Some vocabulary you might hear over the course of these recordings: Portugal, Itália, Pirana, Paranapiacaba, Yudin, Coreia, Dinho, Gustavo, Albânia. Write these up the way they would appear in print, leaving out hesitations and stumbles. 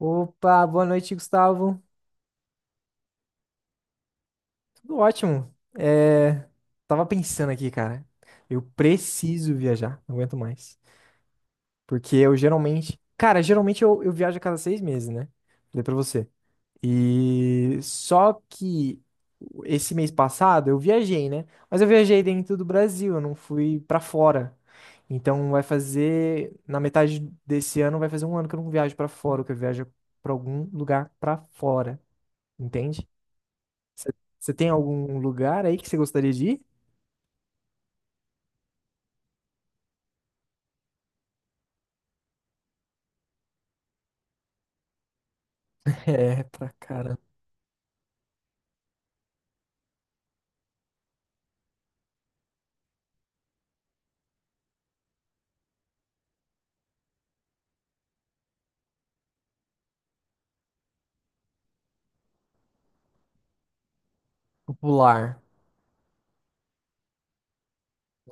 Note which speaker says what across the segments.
Speaker 1: Opa, boa noite, Gustavo. Tudo ótimo. É, tava pensando aqui, cara. Eu preciso viajar, não aguento mais. Porque eu geralmente. Cara, geralmente eu viajo a cada 6 meses, né? Falei pra você. E só que esse mês passado eu viajei, né? Mas eu viajei dentro do Brasil, eu não fui pra fora. Então vai fazer. Na metade desse ano vai fazer um ano que eu não viajo pra fora, que eu viajo pra algum lugar pra fora. Entende? Você você tem algum lugar aí que você gostaria de ir? É, pra cara popular.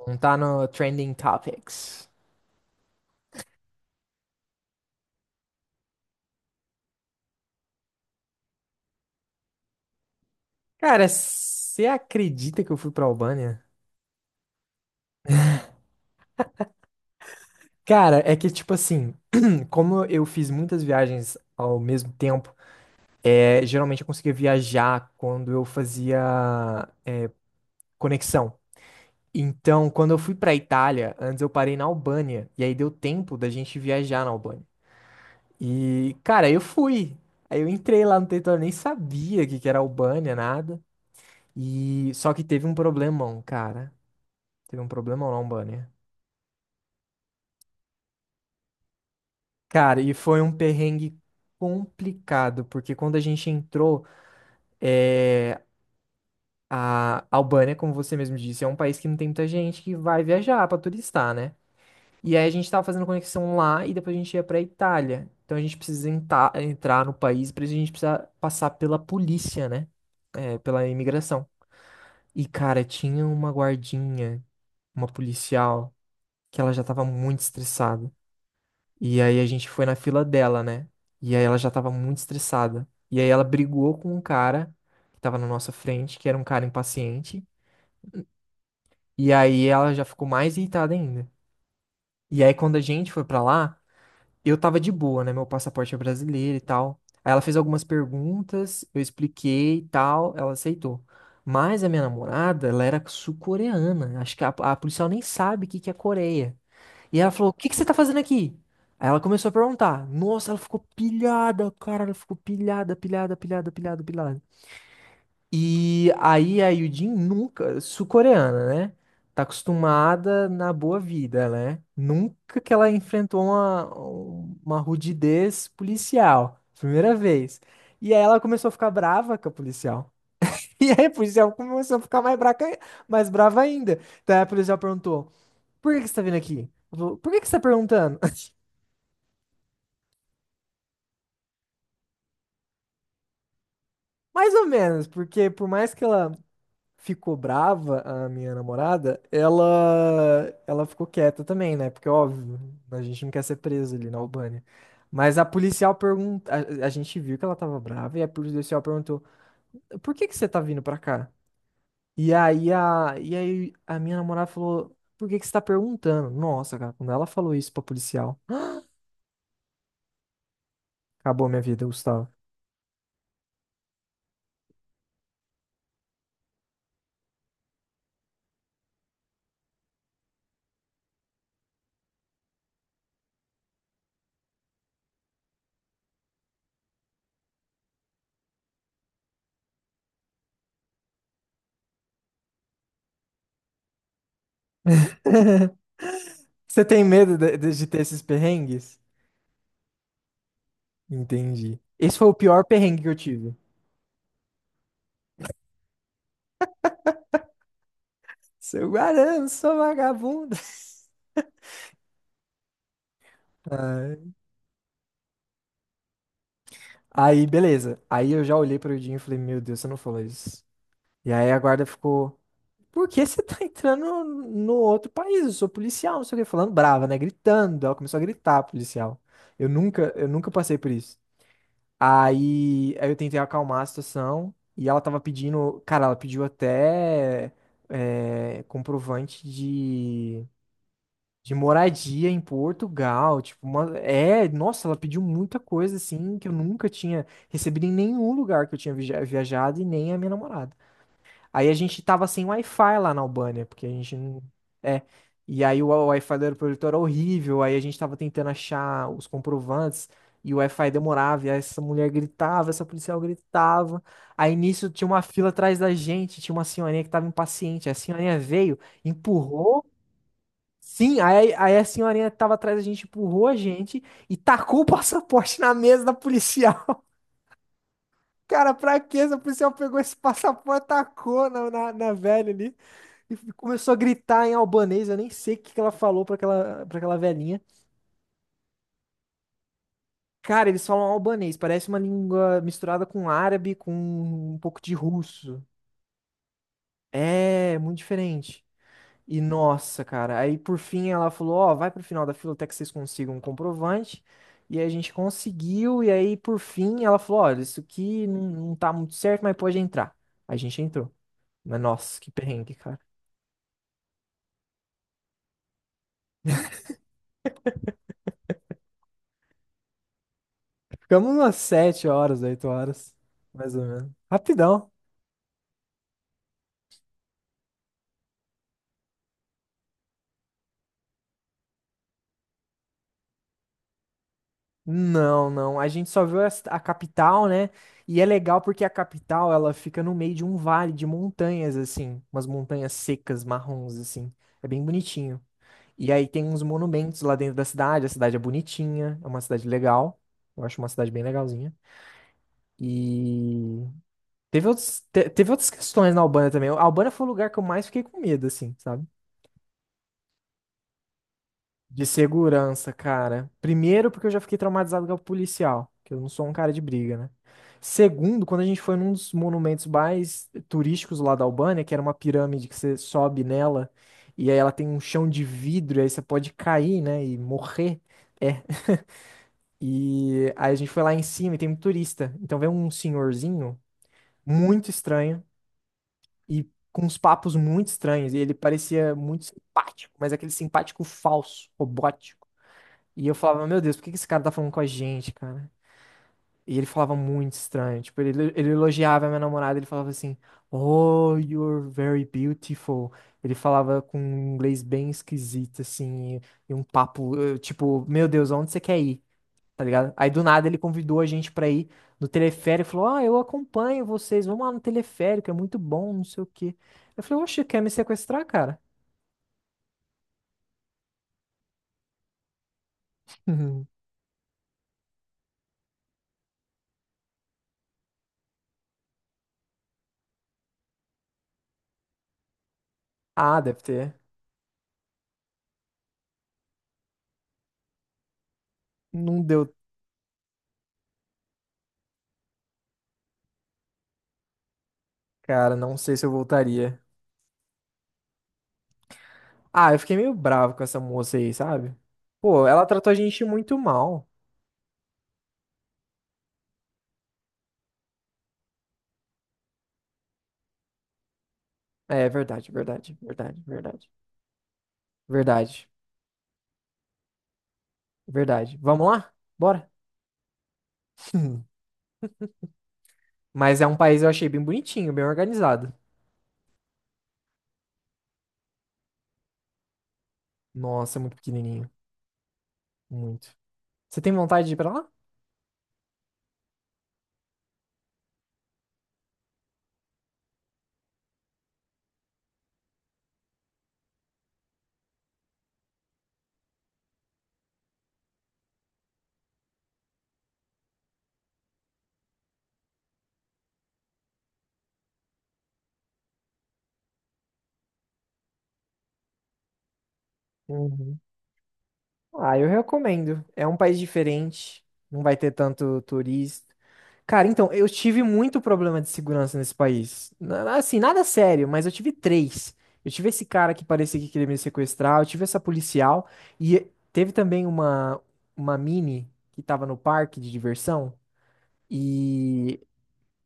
Speaker 1: Não tá no Trending Topics. Cara, você acredita que eu fui pra Albânia? Cara, é que tipo assim, como eu fiz muitas viagens ao mesmo tempo, geralmente eu conseguia viajar quando eu fazia conexão. Então, quando eu fui pra Itália, antes eu parei na Albânia, e aí deu tempo da gente viajar na Albânia. E, cara, eu fui. Aí eu entrei lá no território, nem sabia o que que era Albânia, nada. E só que teve um problemão, cara. Teve um problemão na Albânia. Cara, e foi um perrengue complicado, porque quando a gente entrou, é... a Albânia, como você mesmo disse, é um país que não tem muita gente que vai viajar pra turistar, né? E aí a gente tava fazendo conexão lá e depois a gente ia pra Itália. Então a gente precisa entrar no país, pra isso a gente precisa passar pela polícia, né? É, pela imigração. E, cara, tinha uma guardinha, uma policial, que ela já tava muito estressada. E aí a gente foi na fila dela, né? E aí ela já tava muito estressada. E aí ela brigou com um cara que tava na nossa frente, que era um cara impaciente. E aí ela já ficou mais irritada ainda. E aí quando a gente foi pra lá. Eu tava de boa, né? Meu passaporte é brasileiro e tal. Aí ela fez algumas perguntas, eu expliquei e tal, ela aceitou. Mas a minha namorada, ela era sul-coreana. Acho que a policial nem sabe o que, que é Coreia. E ela falou: "O que, que você tá fazendo aqui?" Aí ela começou a perguntar. Nossa, ela ficou pilhada, cara, ela ficou pilhada, pilhada, pilhada, pilhada, pilhada. E aí a Yudin nunca, sul-coreana, né? Tá acostumada na boa vida, né? Nunca que ela enfrentou uma rudidez policial. Primeira vez. E aí ela começou a ficar brava com a policial. E aí a policial começou a ficar mais, mais brava ainda. Daí a policial perguntou: "Por que que você tá vindo aqui?" Ela falou: "Por que que você tá perguntando?" Mais ou menos, porque por mais que ela ficou brava, a minha namorada, ela ficou quieta também, né? Porque, óbvio, a gente não quer ser preso ali na Albânia. Mas a policial pergunta, a gente viu que ela tava brava e a policial perguntou: "Por que que você tá vindo pra cá?" E aí a minha namorada falou: "Por que que você tá perguntando?" Nossa, cara, quando ela falou isso pra policial, acabou minha vida, Gustavo. Você tem medo de ter esses perrengues? Entendi. Esse foi o pior perrengue que eu tive. Seu Guarano, sou vagabundo. Ai. Aí, beleza. Aí eu já olhei pro Dinho e falei: "Meu Deus, você não falou isso." E aí a guarda ficou: "Por que você tá entrando no outro país? Eu sou policial, não sei o que", falando brava, né? Gritando. Ela começou a gritar, policial. Eu nunca passei por isso. Aí eu tentei acalmar a situação e ela tava pedindo, cara, ela pediu até comprovante de moradia em Portugal, tipo, é, nossa, ela pediu muita coisa assim que eu nunca tinha recebido em nenhum lugar que eu tinha viajado e nem a minha namorada. Aí a gente tava sem Wi-Fi lá na Albânia, porque a gente não é. E aí o Wi-Fi do aeroporto era horrível, aí a gente tava tentando achar os comprovantes e o Wi-Fi demorava, e aí essa mulher gritava, essa policial gritava. Aí nisso tinha uma fila atrás da gente, tinha uma senhorinha que tava impaciente. A senhorinha veio, empurrou. Sim, aí a senhorinha tava atrás da gente, empurrou a gente e tacou o passaporte na mesa da policial. Cara, pra quê? Essa policial pegou esse passaporte, tacou na velha ali e começou a gritar em albanês. Eu nem sei o que que ela falou pra aquela velhinha. Cara, eles falam albanês, parece uma língua misturada com árabe, com um pouco de russo. É, muito diferente. E nossa, cara, aí por fim ela falou: "Ó, vai pro final da fila até que vocês consigam um comprovante." E aí a gente conseguiu, e aí por fim ela falou: "Olha, isso aqui não, não tá muito certo, mas pode entrar." A gente entrou. Mas nossa, que perrengue, cara. Ficamos umas 7 horas, 8 horas, mais ou menos. Rapidão. Não, não, a gente só viu a capital, né? E é legal porque a capital, ela fica no meio de um vale de montanhas, assim, umas montanhas secas, marrons, assim. É bem bonitinho. E aí tem uns monumentos lá dentro da cidade. A cidade é bonitinha, é uma cidade legal. Eu acho uma cidade bem legalzinha. E teve outros, teve outras questões na Albânia também. A Albânia foi o lugar que eu mais fiquei com medo, assim, sabe? De segurança, cara. Primeiro, porque eu já fiquei traumatizado com o policial, que eu não sou um cara de briga, né? Segundo, quando a gente foi num dos monumentos mais turísticos lá da Albânia, que era uma pirâmide que você sobe nela, e aí ela tem um chão de vidro, e aí você pode cair, né, e morrer. E aí a gente foi lá em cima e tem muito turista. Então veio um senhorzinho muito estranho e com uns papos muito estranhos. E ele parecia muito simpático, mas aquele simpático falso, robótico. E eu falava: "Meu Deus, por que que esse cara tá falando com a gente, cara?" E ele falava muito estranho. Tipo, ele elogiava a minha namorada, ele falava assim: "Oh, you're very beautiful." Ele falava com um inglês bem esquisito, assim, e um papo, tipo: "Meu Deus, aonde você quer ir?" Tá ligado? Aí do nada ele convidou a gente pra ir no teleférico, falou: "Ah, eu acompanho vocês, vamos lá no teleférico, é muito bom, não sei o quê." Eu falei: "Oxe, quer me sequestrar, cara?" Ah, deve ter. Não deu, cara, não sei se eu voltaria. Ah, eu fiquei meio bravo com essa moça aí, sabe? Pô, ela tratou a gente muito mal. É, é verdade, verdade, verdade, verdade. Verdade, verdade. Vamos lá? Bora. Mas é um país, eu achei bem bonitinho, bem organizado. Nossa, muito pequenininho. Muito. Você tem vontade de ir pra lá? Uhum. Ah, eu recomendo. É um país diferente, não vai ter tanto turista. Cara, então, eu tive muito problema de segurança nesse país. Assim, nada sério, mas eu tive três. Eu tive esse cara que parecia que queria me sequestrar, eu tive essa policial e teve também uma mini que tava no parque de diversão e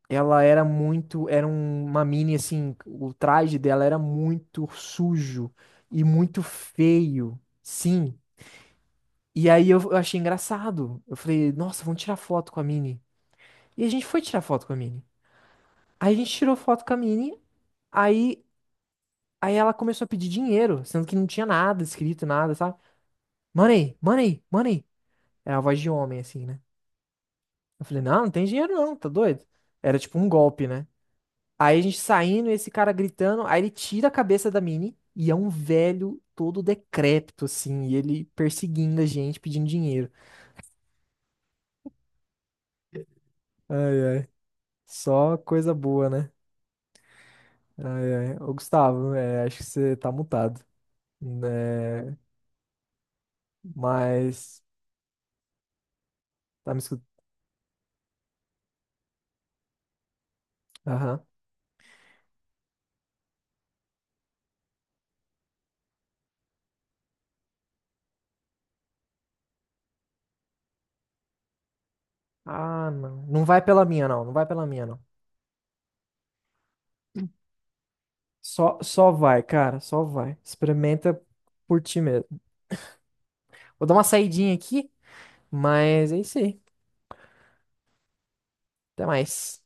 Speaker 1: ela era muito, era uma mini assim, o traje dela era muito sujo e muito feio. Sim. E aí eu achei engraçado. Eu falei: "Nossa, vamos tirar foto com a Minnie." E a gente foi tirar foto com a Minnie. Aí a gente tirou foto com a Minnie, aí, aí ela começou a pedir dinheiro, sendo que não tinha nada escrito, nada, sabe? Money, money, money. Era a voz de homem, assim, né? Eu falei: "Não, não tem dinheiro não, tá doido?" Era tipo um golpe, né? Aí a gente saindo, esse cara gritando, aí ele tira a cabeça da Minnie e é um velho todo decrépito, assim, e ele perseguindo a gente, pedindo dinheiro. Só coisa boa, né? Ô, Gustavo, acho que você tá mutado, né? Mas tá me escutando? Aham. Ah, não. Não vai pela minha, não. Não vai pela minha, não. Só, só vai, cara. Só vai. Experimenta por ti mesmo. Vou dar uma saidinha aqui, mas é isso aí. Até mais.